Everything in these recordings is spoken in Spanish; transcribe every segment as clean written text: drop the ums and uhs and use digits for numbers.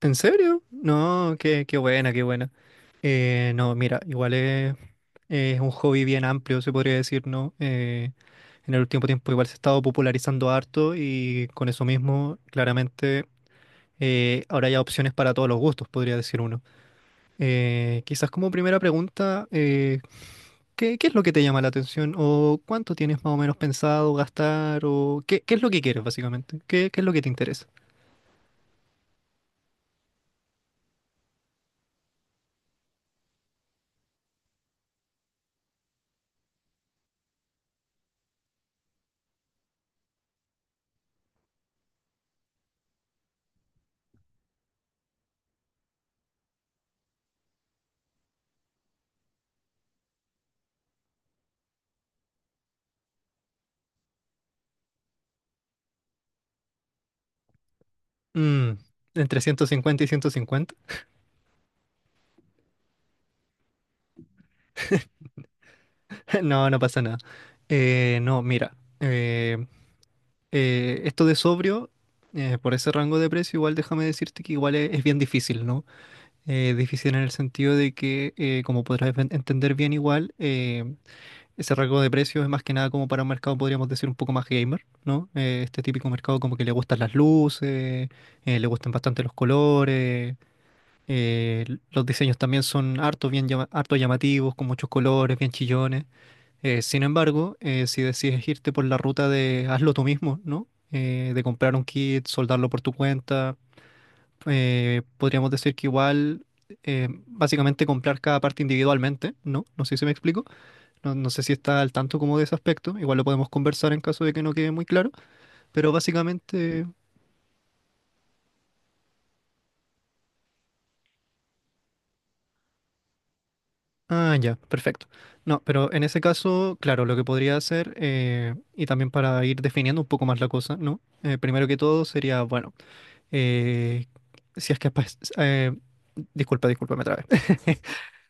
¿En serio? No, qué buena. No, mira, es un hobby bien amplio, se podría decir, ¿no? En el último tiempo igual se ha estado popularizando harto y con eso mismo, claramente, ahora hay opciones para todos los gustos, podría decir uno. Quizás como primera pregunta, ¿qué es lo que te llama la atención? ¿O cuánto tienes más o menos pensado gastar? ¿O qué es lo que quieres, básicamente? ¿Qué es lo que te interesa? Mm, ¿entre 150 y ciento cincuenta? No, no pasa nada. No, mira, esto de sobrio, por ese rango de precio, igual déjame decirte que es bien difícil, ¿no? Difícil en el sentido de que, como podrás entender bien igual, ese rango de precio es más que nada como para un mercado, podríamos decir, un poco más gamer, ¿no? Este típico mercado como que le gustan las luces, le gustan bastante los colores. eh, los diseños también son harto llamativos, con muchos colores, bien chillones. Sin embargo, si decides irte por la ruta de hazlo tú mismo, ¿no? De comprar un kit, soldarlo por tu cuenta, podríamos decir que básicamente comprar cada parte individualmente, ¿no? No sé si me explico, no, no sé si está al tanto como de ese aspecto, igual lo podemos conversar en caso de que no quede muy claro, pero básicamente... Ah, ya, perfecto. No, pero en ese caso, claro, lo que podría hacer, y también para ir definiendo un poco más la cosa, ¿no? Primero que todo sería, bueno, eh, si es que disculpa, disculpa, me trabé.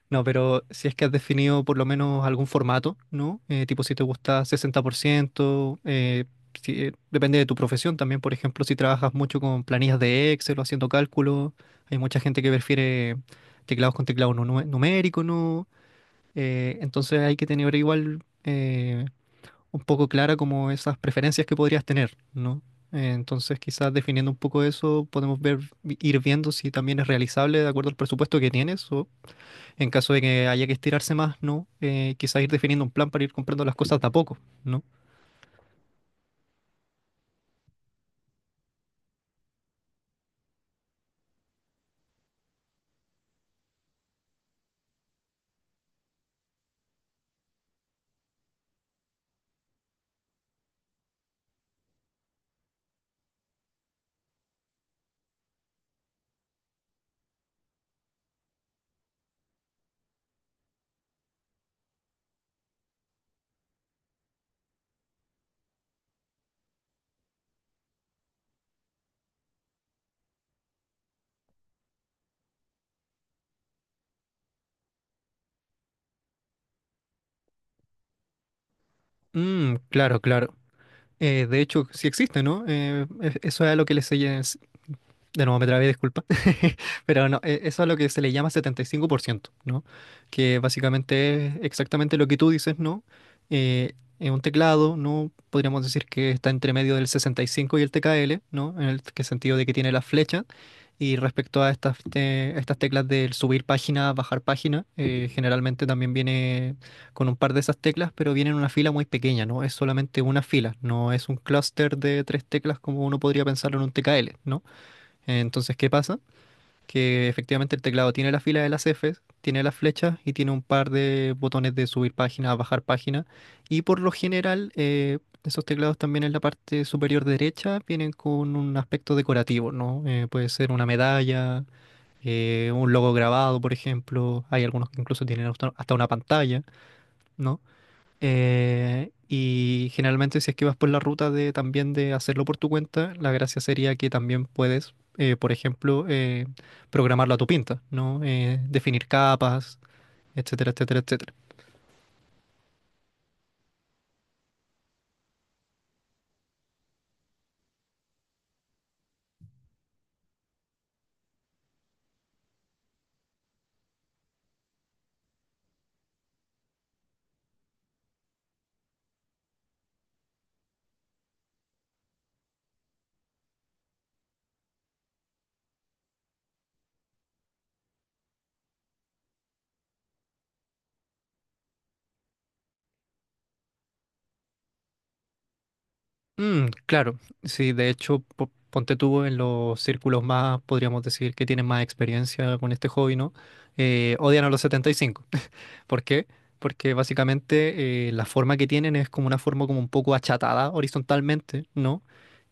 No, pero si es que has definido por lo menos algún formato, ¿no? Tipo si te gusta 60%, depende de tu profesión también, por ejemplo, si trabajas mucho con planillas de Excel o haciendo cálculos, hay mucha gente que prefiere teclados con teclado numérico, ¿no? Entonces hay que tener igual un poco clara como esas preferencias que podrías tener, ¿no? Entonces, quizás definiendo un poco eso, podemos ver, ir viendo si también es realizable de acuerdo al presupuesto que tienes o en caso de que haya que estirarse más, ¿no? Quizás ir definiendo un plan para ir comprando las cosas de a poco, ¿no? Mm, claro, claro. De hecho, sí existe, ¿no? Eso es a lo que les, de nuevo me trabé, disculpa, pero no, eso es lo que se le llama setenta y cinco por ciento, ¿no? Que básicamente es exactamente lo que tú dices, ¿no? En un teclado, ¿no? Podríamos decir que está entre medio del sesenta y cinco y el TKL, ¿no? En el que sentido de que tiene las flechas. Y respecto a estas teclas del subir página, bajar página, generalmente también viene con un par de esas teclas, pero viene en una fila muy pequeña, ¿no? Es solamente una fila, no es un clúster de tres teclas como uno podría pensarlo en un TKL, ¿no? Entonces, ¿qué pasa? Que efectivamente el teclado tiene la fila de las Fs, tiene las flechas y tiene un par de botones de subir página, bajar página. Y por lo general, esos teclados también en la parte superior derecha vienen con un aspecto decorativo, ¿no? Puede ser una medalla, un logo grabado, por ejemplo. Hay algunos que incluso tienen hasta una pantalla, ¿no? Y generalmente si es que vas por la ruta de también de hacerlo por tu cuenta, la gracia sería que también puedes, por ejemplo, programarlo a tu pinta, ¿no? Definir capas, etcétera, etcétera, etcétera. Mm, claro, sí, de hecho, ponte tú en los círculos más, podríamos decir, que tienen más experiencia con este hobby, ¿no? Odian a los setenta y cinco. ¿Por qué? Porque básicamente la forma que tienen es como una forma como un poco achatada horizontalmente, ¿no?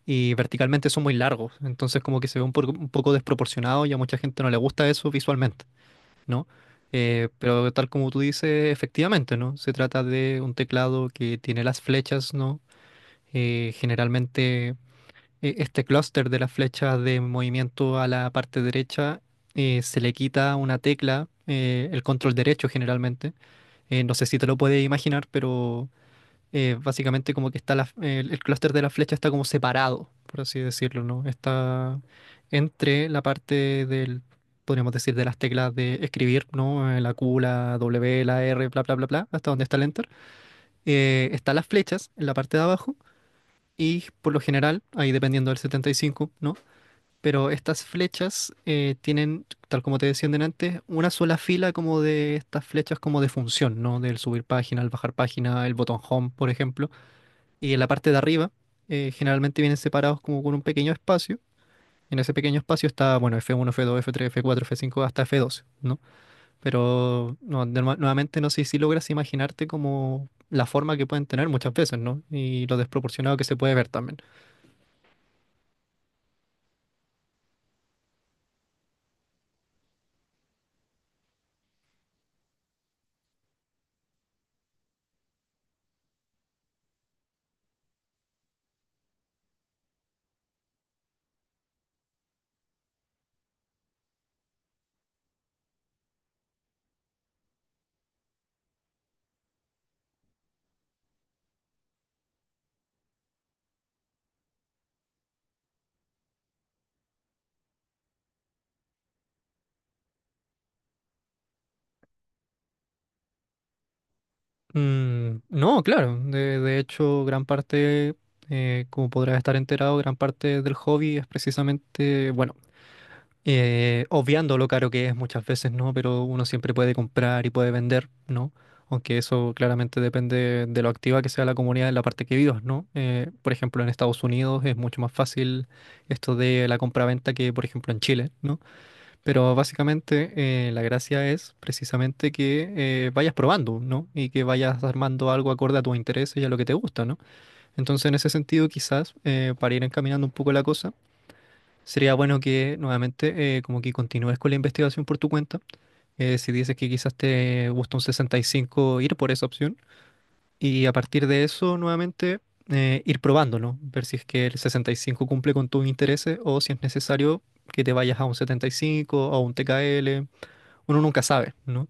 Y verticalmente son muy largos, entonces como que se ve un poco desproporcionado y a mucha gente no le gusta eso visualmente, ¿no? Pero tal como tú dices, efectivamente, ¿no? Se trata de un teclado que tiene las flechas, ¿no? Generalmente este clúster de las flechas de movimiento a la parte derecha se le quita una tecla, el control derecho generalmente, no sé si te lo puedes imaginar, pero básicamente como que está el clúster de la flecha está como separado, por así decirlo, ¿no? Está entre la parte del, podríamos decir, de las teclas de escribir, ¿no? La Q, la W, la R, bla, bla, bla, bla, hasta donde está el Enter. Están las flechas en la parte de abajo y por lo general, ahí dependiendo del 75, ¿no? Pero estas flechas tienen, tal como te decía antes, una sola fila como de estas flechas como de función, ¿no? Del subir página, el bajar página, el botón home, por ejemplo. Y en la parte de arriba generalmente vienen separados como con un pequeño espacio. En ese pequeño espacio está, bueno, F1, F2, F3, F4, F5, hasta F12, ¿no? Pero no, nuevamente no sé si logras imaginarte como la forma que pueden tener muchas veces, ¿no? Y lo desproporcionado que se puede ver también. Mm, no, claro. De hecho, gran parte, como podrás estar enterado, gran parte del hobby es precisamente, bueno, obviando lo caro que es muchas veces, ¿no? Pero uno siempre puede comprar y puede vender, ¿no? Aunque eso claramente depende de lo activa que sea la comunidad en la parte que vivas, ¿no? Por ejemplo, en Estados Unidos es mucho más fácil esto de la compraventa que, por ejemplo, en Chile, ¿no? Pero básicamente la gracia es precisamente que vayas probando, ¿no? Y que vayas armando algo acorde a tus intereses y a lo que te gusta, ¿no? Entonces, en ese sentido, quizás para ir encaminando un poco la cosa, sería bueno que nuevamente como que continúes con la investigación por tu cuenta. Si dices que quizás te gusta un sesenta y cinco, ir por esa opción. Y a partir de eso, nuevamente, ir probando, ¿no? Ver si es que el 65 cumple con tus intereses o si es necesario que te vayas a un 75 o a un TKL, uno nunca sabe, ¿no?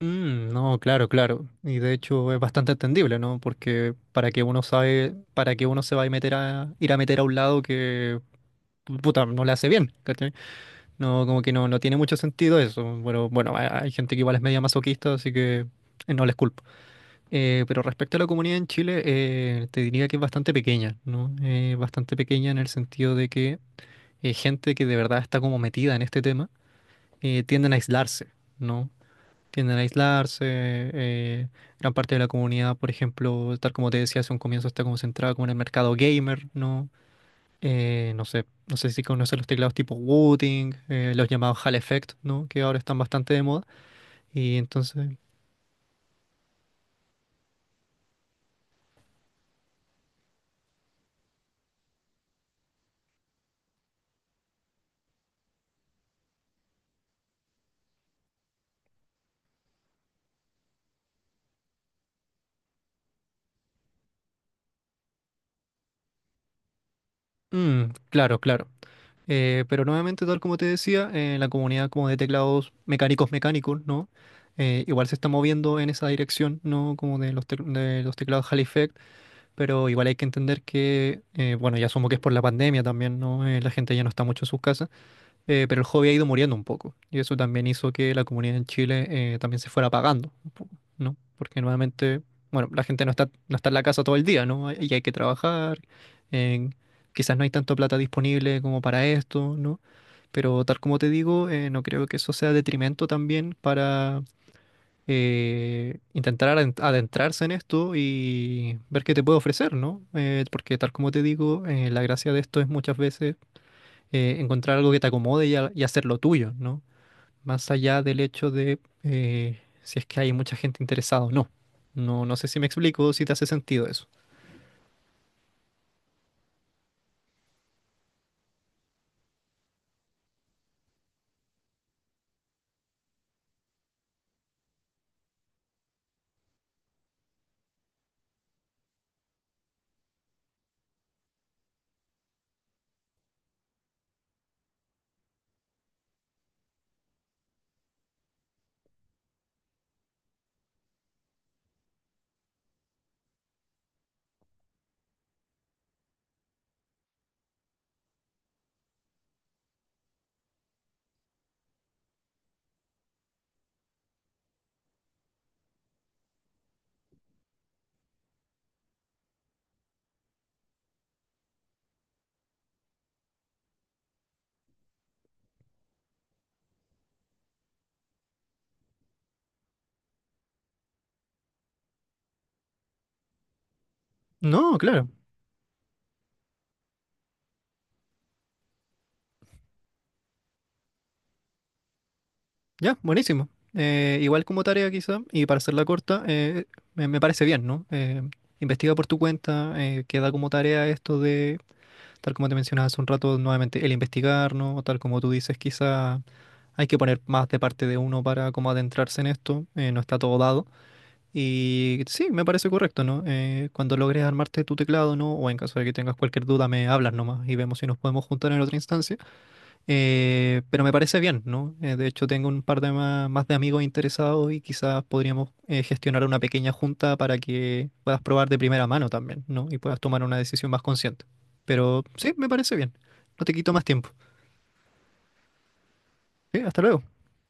Mm, no, claro, claro. Y de hecho es bastante entendible, ¿no? Porque para que uno sabe, para que uno se va a meter a ir a meter a un lado que puta, no le hace bien, ¿cachai? No, como que no, no tiene mucho sentido eso. Bueno, bueno, hay gente que igual es media masoquista, así que no les culpo. Pero respecto a la comunidad en Chile, te diría que es bastante pequeña, ¿no? Bastante pequeña en el sentido de que gente que de verdad está como metida en este tema tienden a aislarse, ¿no? Tienden a aislarse, eh, gran parte de la comunidad, por ejemplo, tal como te decía hace un comienzo, está como concentrada como en el mercado gamer, ¿no? No sé si conoces los teclados tipo Wooting, los llamados Hall Effect, ¿no? Que ahora están bastante de moda. Y entonces, mm, claro, claro. Pero nuevamente, tal como te decía, la comunidad como de teclados mecánicos, ¿no? Igual se está moviendo en esa dirección, ¿no? Como de los teclados Hall Effect, pero igual hay que entender que, bueno, ya asumo que es por la pandemia también, ¿no? La gente ya no está mucho en sus casas, pero el hobby ha ido muriendo un poco. Y eso también hizo que la comunidad en Chile también se fuera apagando, un poco, ¿no? Porque nuevamente, bueno, la gente no está, no está en la casa todo el día, ¿no? Y hay que trabajar, eh, quizás no hay tanto plata disponible como para esto, ¿no? Pero tal como te digo, no creo que eso sea detrimento también para intentar adentrarse en esto y ver qué te puede ofrecer, ¿no? Porque tal como te digo, la gracia de esto es muchas veces encontrar algo que te acomode y hacerlo tuyo, ¿no? Más allá del hecho de si es que hay mucha gente interesada o no. No, no sé si me explico, si te hace sentido eso. No, claro, ya, buenísimo. Igual como tarea quizá, y para hacerla corta, me parece bien, ¿no? Investiga por tu cuenta, queda como tarea esto de... Tal como te mencionaba hace un rato, nuevamente, el investigar, ¿no? O tal como tú dices, quizá hay que poner más de parte de uno para como adentrarse en esto, no está todo dado. Y sí, me parece correcto, ¿no? Cuando logres armarte tu teclado, ¿no? O en caso de que tengas cualquier duda, me hablas nomás y vemos si nos podemos juntar en otra instancia. Pero me parece bien, ¿no? De hecho, tengo un par de más de amigos interesados y quizás podríamos gestionar una pequeña junta para que puedas probar de primera mano también, ¿no? Y puedas tomar una decisión más consciente. Pero sí, me parece bien. No te quito más tiempo. Sí, hasta luego.